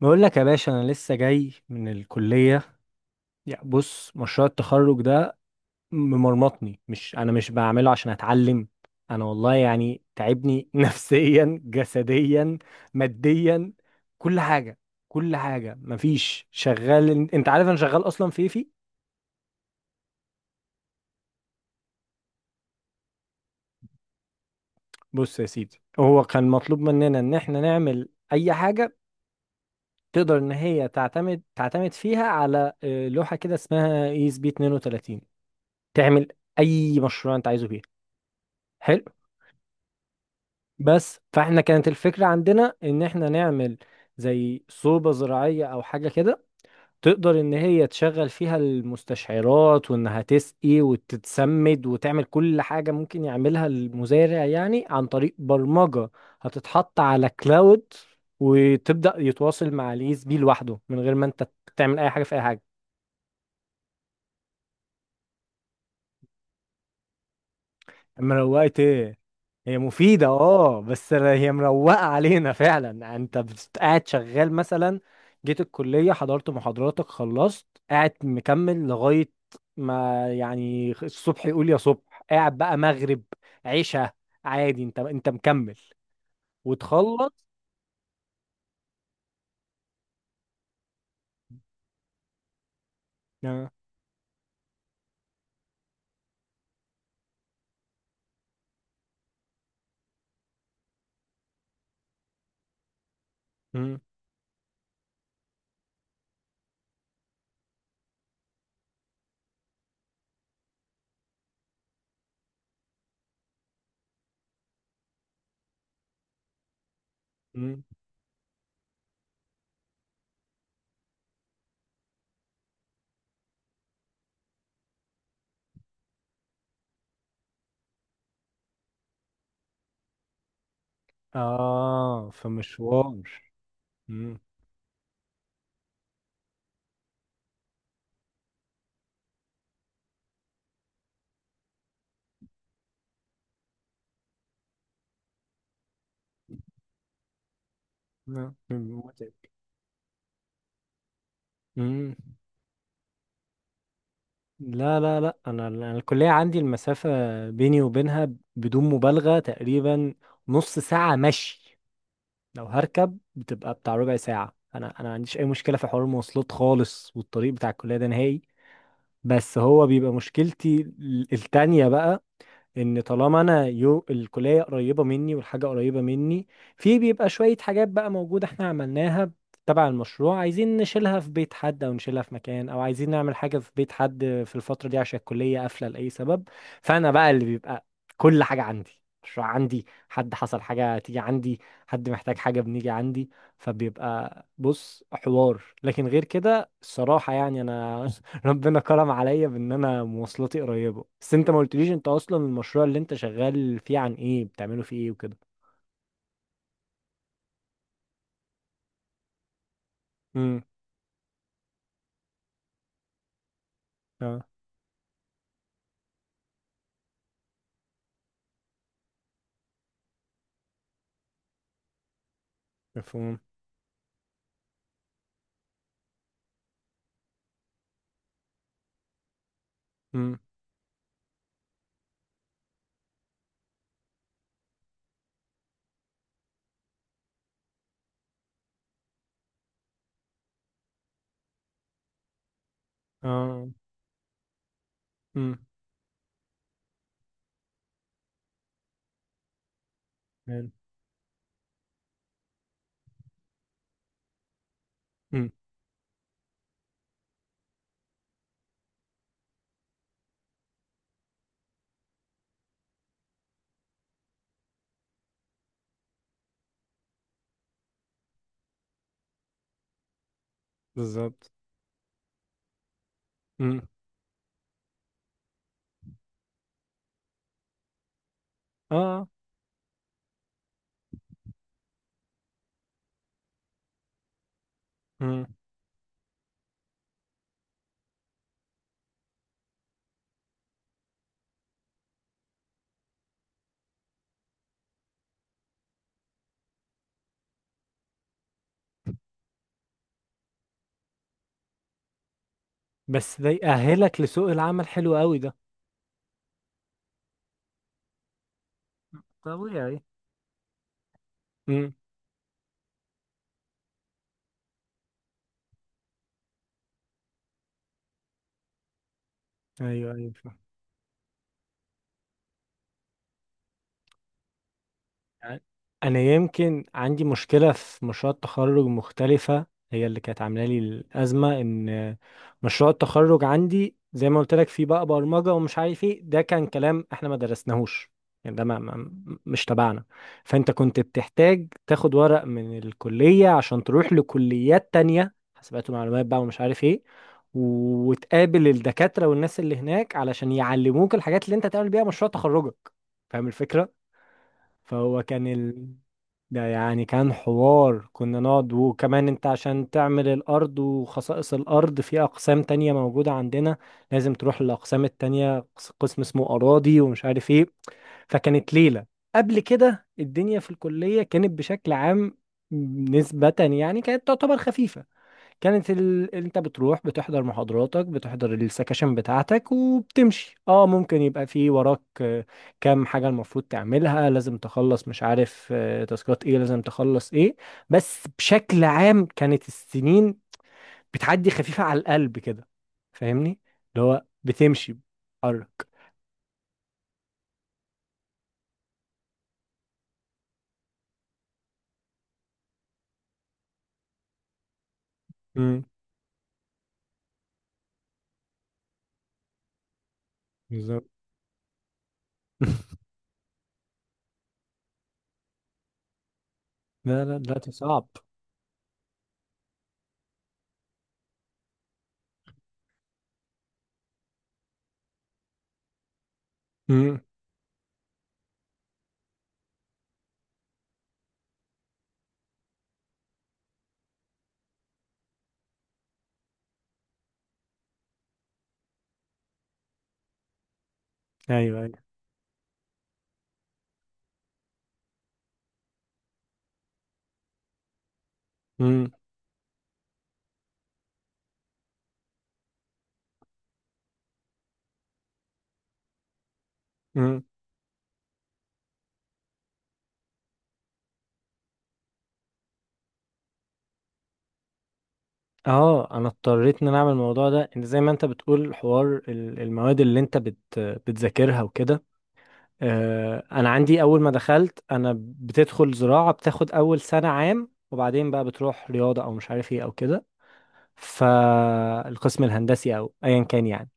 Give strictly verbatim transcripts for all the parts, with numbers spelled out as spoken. بقول لك يا باشا، انا لسه جاي من الكليه. يا بص، مشروع التخرج ده ممرمطني. مش انا مش بعمله عشان اتعلم. انا والله يعني تعبني نفسيا، جسديا، ماديا، كل حاجه، كل حاجه. مفيش شغال. إن- انت عارف انا شغال اصلا في إيه. في بص يا سيدي، هو كان مطلوب مننا ان احنا نعمل اي حاجه تقدر ان هي تعتمد تعتمد فيها على آه، لوحه كده اسمها اي اس بي اتنين وتلاتين. تعمل اي مشروع انت عايزه فيها. حلو. بس فاحنا كانت الفكرة عندنا ان احنا نعمل زي صوبة زراعية او حاجة كده، تقدر ان هي تشغل فيها المستشعرات وانها تسقي وتتسمد وتعمل كل حاجة ممكن يعملها المزارع يعني عن طريق برمجة. هتتحط على كلاود وتبدأ يتواصل مع اليس بي لوحده من غير ما انت تعمل اي حاجة في اي حاجة. مروقت ايه؟ هي مفيدة، اه، بس هي مروقة علينا فعلا. انت بت- قاعد شغال مثلا، جيت الكلية، حضرت محاضراتك، خلصت، قاعد مكمل لغاية ما يعني الصبح يقول يا صبح، قاعد بقى مغرب، عشاء، عادي، انت انت مكمل وتخلص. اه. مم. مم. آه، فمشوار. مم. مم. مم. متعب. مم. لا، لا، لا، انا أنا الكليه عندي المسافه بيني وبينها، بدون مبالغه تقريبا نص ساعه مشي. لو هركب بتبقى بتاع ربع ساعه. انا انا ما عنديش اي مشكله في حوار المواصلات خالص، والطريق بتاع الكليه ده نهائي. بس هو بيبقى مشكلتي ال- التانية بقى، ان طالما انا يو الكليه قريبه مني والحاجه قريبه مني، في بيبقى شويه حاجات بقى موجوده احنا عملناها تبع المشروع، عايزين نشيلها في بيت حد او نشيلها في مكان، او عايزين نعمل حاجه في بيت حد في الفتره دي عشان الكليه قافله لاي سبب. فانا بقى اللي بيبقى كل حاجه عندي، مشروع عندي، حد حصل حاجه تيجي عندي، حد محتاج حاجه بنيجي عندي. فبيبقى بص حوار، لكن غير كده الصراحه يعني انا ربنا كرم عليا بان انا مواصلاتي قريبه. بس انت ما قلتليش، انت اصلا المشروع اللي انت شغال فيه عن ايه، بتعمله فيه ايه وكده؟ امم. اه. مفهوم. امم. اه. امم. حلو. امم. بالظبط. امم. اه. امم. بس ده يأهلك لسوق العمل، حلو قوي ده. طبيعي. امم. ايوه، ايوه. يعني انا يمكن عندي مشكله في مشروع التخرج مختلفه، هي اللي كانت عامله لي الازمه ان مشروع التخرج عندي زي ما قلت لك فيه بقى برمجه ومش عارف ايه، ده كان كلام احنا ما درسناهوش. يعني ده ما ما مش تبعنا. فانت كنت بتحتاج تاخد ورق من الكليه عشان تروح لكليات تانية، حاسبات ومعلومات بقى ومش عارف ايه، وتقابل الدكاتره والناس اللي هناك علشان يعلموك الحاجات اللي انت تعمل بيها مشروع تخرجك. فاهم الفكره؟ فهو كان ال... ده يعني كان حوار كنا نقعد، وكمان انت عشان تعمل الارض وخصائص الارض، في اقسام تانية موجودة عندنا لازم تروح للاقسام التانية، قس- قسم اسمه اراضي ومش عارف ايه. فكانت ليلة. قبل كده الدنيا في الكلية كانت بشكل عام، نسبة يعني كانت تعتبر خفيفة. كانت ال... انت بتروح بتحضر محاضراتك، بتحضر السكاشن بتاعتك وبتمشي. اه، ممكن يبقى في وراك آه، كام حاجة المفروض تعملها لازم تخلص، مش عارف آه، تاسكات ايه لازم تخلص ايه. بس بشكل عام، كانت السنين بتعدي خفيفة على القلب كده. فاهمني؟ اللي هو بتمشي بتتحرك. امم. بالظبط. لا، لا، دلوقتي صعب. امم. ايوه، ايوه. امم. اه. انا اضطريت ان انا اعمل الموضوع ده، ان زي ما انت بتقول حوار ال- المواد اللي انت بت بتذاكرها وكده. آه، انا عندي، اول ما دخلت انا بتدخل زراعة، بتاخد اول سنة عام وبعدين بقى بتروح رياضة او مش عارف ايه او كده، فالقسم الهندسي او ايا كان يعني.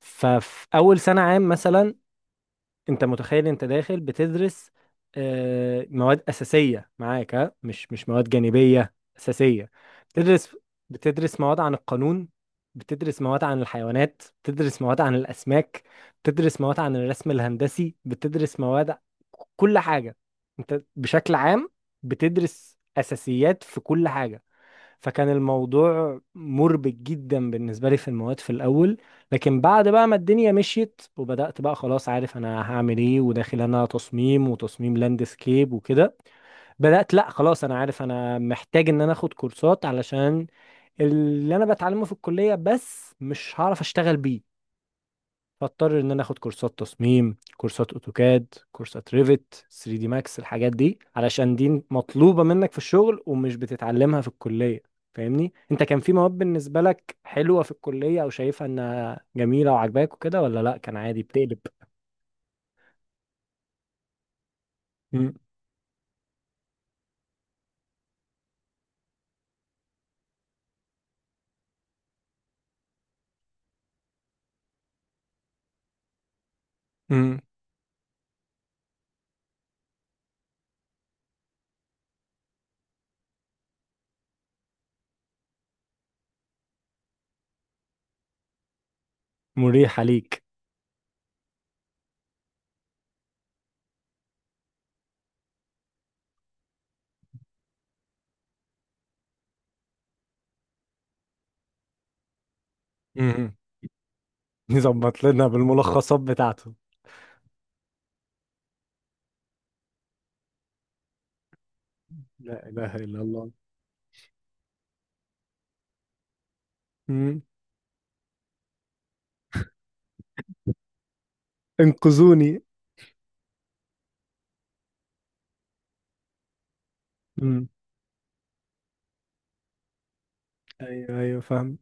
ففي اول سنة عام مثلا، انت متخيل انت داخل بتدرس آه، مواد اساسيه معاك، ها، مش مش مواد جانبيه، اساسيه. بتدرس بتدرس مواد عن القانون، بتدرس مواد عن الحيوانات، بتدرس مواد عن الاسماك، بتدرس مواد عن الرسم الهندسي، بتدرس مواد كل حاجه. انت بشكل عام بتدرس اساسيات في كل حاجه. فكان الموضوع مربك جدا بالنسبة لي في المواد في الأول، لكن بعد بقى ما الدنيا مشيت وبدأت بقى خلاص، عارف أنا هعمل إيه وداخل أنا تصميم وتصميم لاندسكيب وكده، بدأت لأ، خلاص أنا عارف أنا محتاج إن أنا أخد كورسات علشان اللي أنا بتعلمه في الكلية بس مش هعرف أشتغل بيه. فاضطر ان انا اخد كورسات تصميم، كورسات اوتوكاد، كورسات ريفت، ثري دي ماكس، الحاجات دي علشان دي مطلوبة منك في الشغل ومش بتتعلمها في الكلية. فاهمني؟ انت كان في مواد بالنسبة لك حلوة في الكلية او شايفها انها جميلة وعجباك وكده، ولا لا كان عادي بتقلب؟ مم. مم. مريحة ليك. مم. يظبط لنا بالملخصات بتاعته. لا إله إلا الله. مم. انقذوني. مم. ايوه، ايوه، فاهم.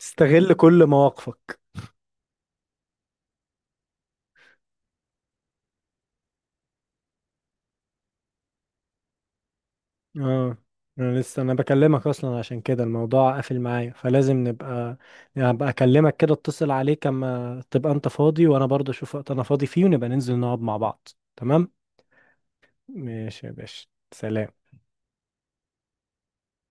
استغل كل مواقفك. اه، انا لسه انا بكلمك اصلا عشان كده الموضوع قافل معايا، فلازم نبقى هبقى اكلمك كده، اتصل عليك اما تبقى انت فاضي وانا برضه اشوف وقت انا فاضي فيه، ونبقى ننزل نقعد مع بعض. تمام. ماشي يا باشا. سلام.